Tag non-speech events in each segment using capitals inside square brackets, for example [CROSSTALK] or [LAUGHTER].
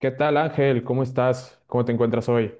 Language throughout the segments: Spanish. ¿Qué tal, Ángel? ¿Cómo estás? ¿Cómo te encuentras hoy?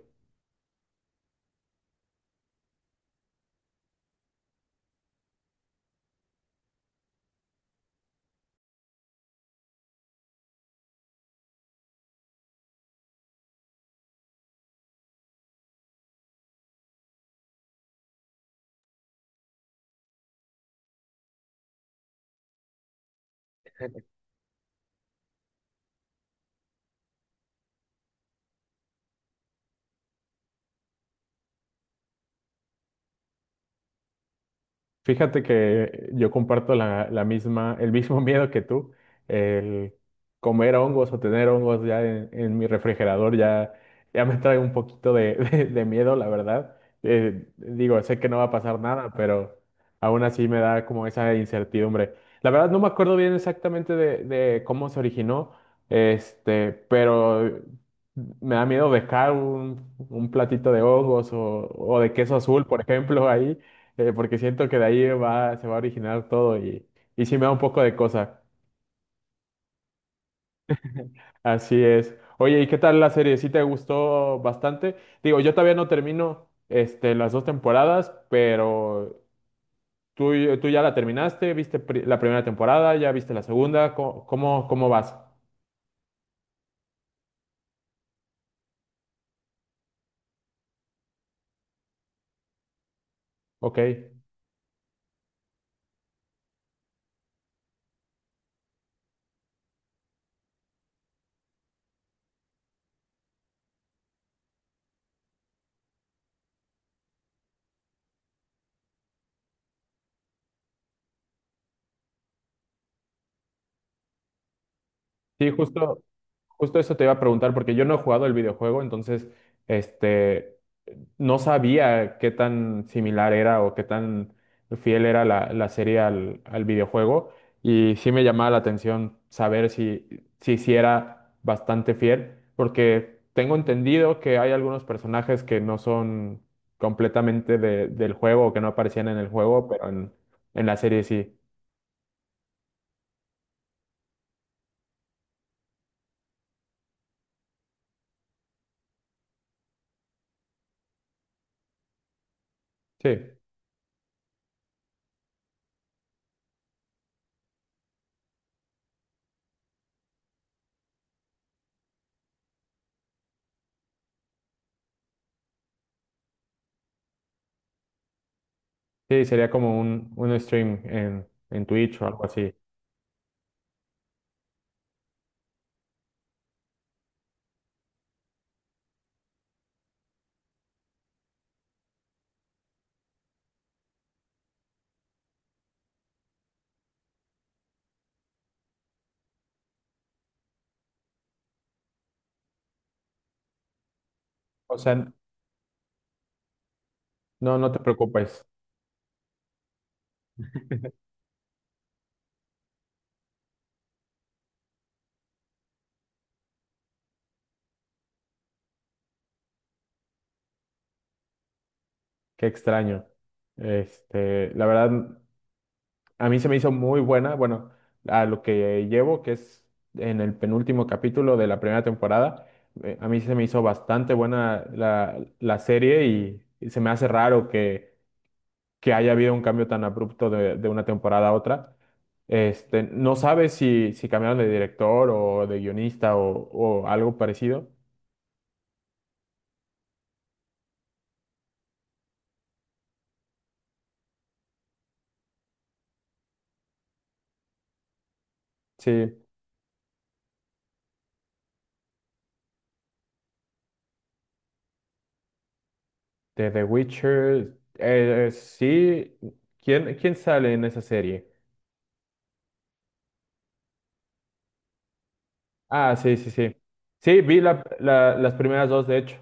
Fíjate que yo comparto la misma, el mismo [LAUGHS] miedo que tú, el comer hongos o tener hongos ya en mi refrigerador ya, ya me trae un poquito [LAUGHS] de miedo, la verdad. Digo, sé que no va a pasar nada, pero aún así me da como esa incertidumbre. La verdad no me acuerdo bien exactamente de cómo se originó, pero me da miedo dejar un platito de hongos o de queso azul, por ejemplo, ahí porque siento que de ahí va, se va a originar todo y sí me da un poco de cosa. Así es. Oye, ¿y qué tal la serie? ¿Sí te gustó bastante? Digo, yo todavía no termino las dos temporadas, pero tú, tú ya la terminaste, viste la primera temporada, ya viste la segunda, ¿cómo vas? Ok. Sí, justo. Justo eso te iba a preguntar, porque yo no he jugado el videojuego, entonces, este, no sabía qué tan similar era o qué tan fiel era la serie al videojuego, y sí me llamaba la atención saber si, si, sí era bastante fiel, porque tengo entendido que hay algunos personajes que no son completamente del juego o que no aparecían en el juego, pero en la serie sí. Sí, sí, sería como un stream en Twitch o algo así. O sea, no, no te preocupes, qué extraño. La verdad, a mí se me hizo muy buena, bueno, a lo que llevo, que es en el penúltimo capítulo de la primera temporada, a mí se me hizo bastante buena la serie y se me hace raro que haya habido un cambio tan abrupto de una temporada a otra. No sabes si, si cambiaron de director o de guionista o algo parecido. Sí. De The Witcher, sí. ¿Quién sale en esa serie? Ah, sí, sí, sí. Sí, vi las primeras dos, de hecho.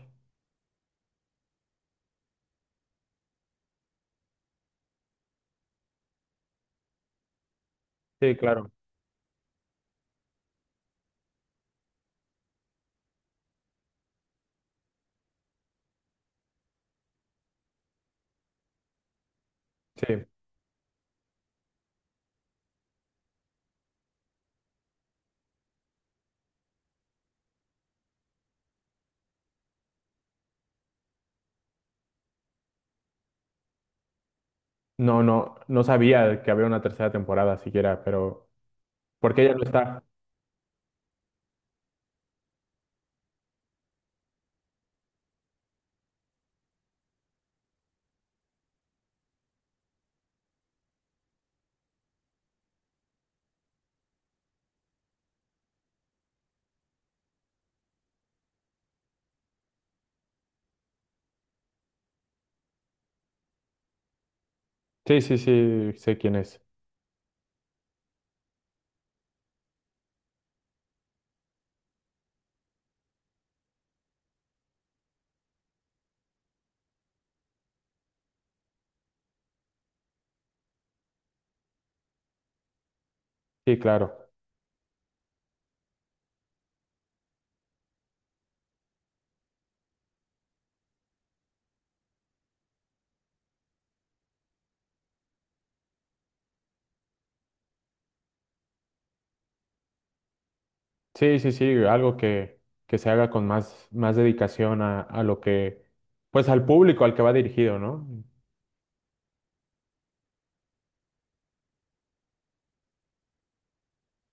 Sí, claro. Sí. No, no, no sabía que había una tercera temporada siquiera, pero porque ella no está. Sí, sí, sí, sé quién es. Sí, claro. Sí, sí, sí, algo que se haga con más, más dedicación a lo que, pues al público al que va dirigido, ¿no?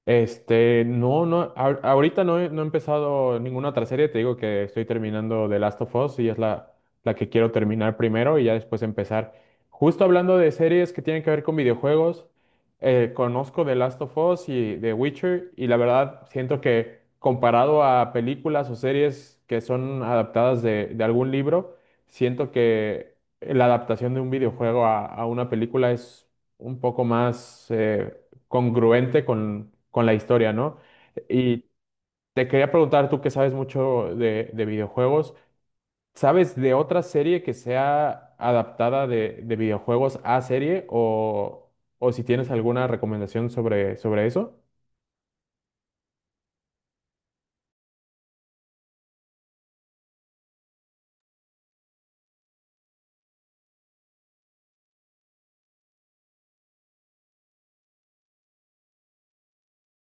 No, no, ahorita no he, no he empezado ninguna otra serie, te digo que estoy terminando The Last of Us y es la que quiero terminar primero y ya después empezar. Justo hablando de series que tienen que ver con videojuegos, conozco The Last of Us y The Witcher y la verdad siento que comparado a películas o series que son adaptadas de algún libro, siento que la adaptación de un videojuego a una película es un poco más congruente con la historia, ¿no? Y te quería preguntar, tú que sabes mucho de videojuegos, ¿sabes de otra serie que sea adaptada de videojuegos a serie o si tienes alguna recomendación sobre, sobre eso?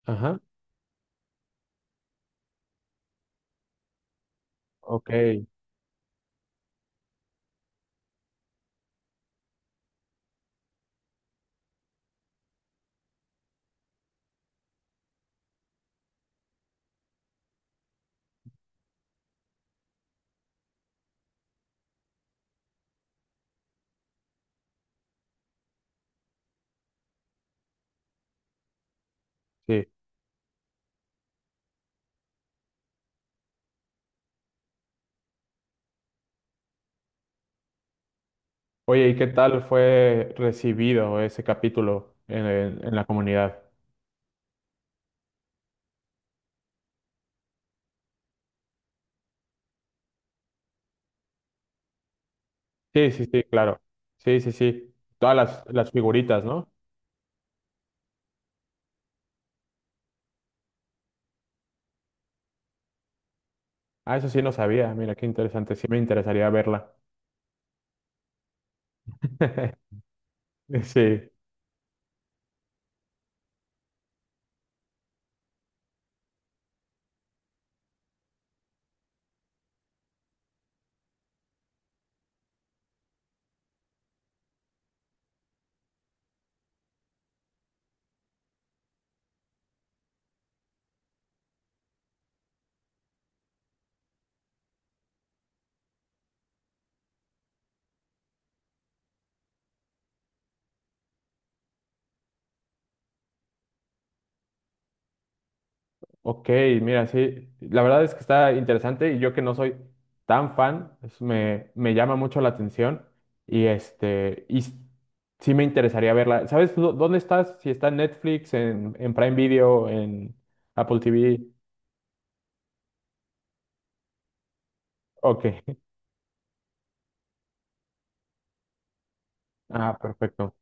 Ajá, ok, sí. Oye, ¿y qué tal fue recibido ese capítulo en, en la comunidad? Sí, sí, sí, claro. Sí, sí, sí. Todas las figuritas, ¿no? Ah, eso sí no sabía. Mira, qué interesante. Sí me interesaría verla. [LAUGHS] Sí, ok, mira, sí, la verdad es que está interesante y yo que no soy tan fan, pues, me llama mucho la atención y este, sí me interesaría verla. ¿Sabes dónde estás? Si está en Netflix, en Prime Video, en Apple TV. Ok, [LAUGHS] ah, perfecto.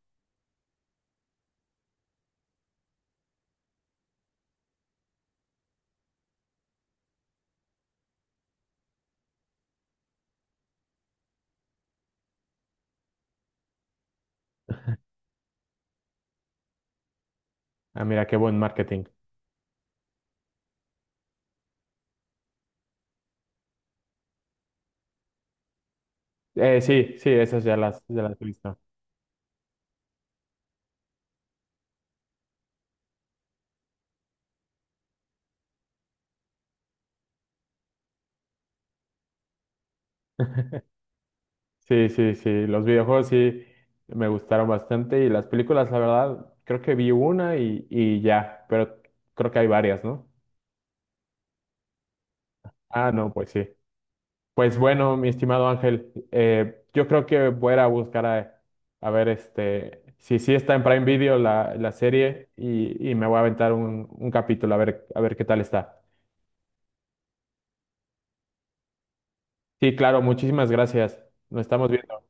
Ah, mira, qué buen marketing. Sí, sí, esas ya las he visto. Sí, sí, sí, los videojuegos sí me gustaron bastante y las películas, la verdad, creo que vi una y ya, pero creo que hay varias, ¿no? Ah, no, pues sí. Pues bueno, mi estimado Ángel, yo creo que voy a ir a buscar a ver si sí está en Prime Video la serie y me voy a aventar un capítulo a ver qué tal está. Sí, claro, muchísimas gracias. Nos estamos viendo.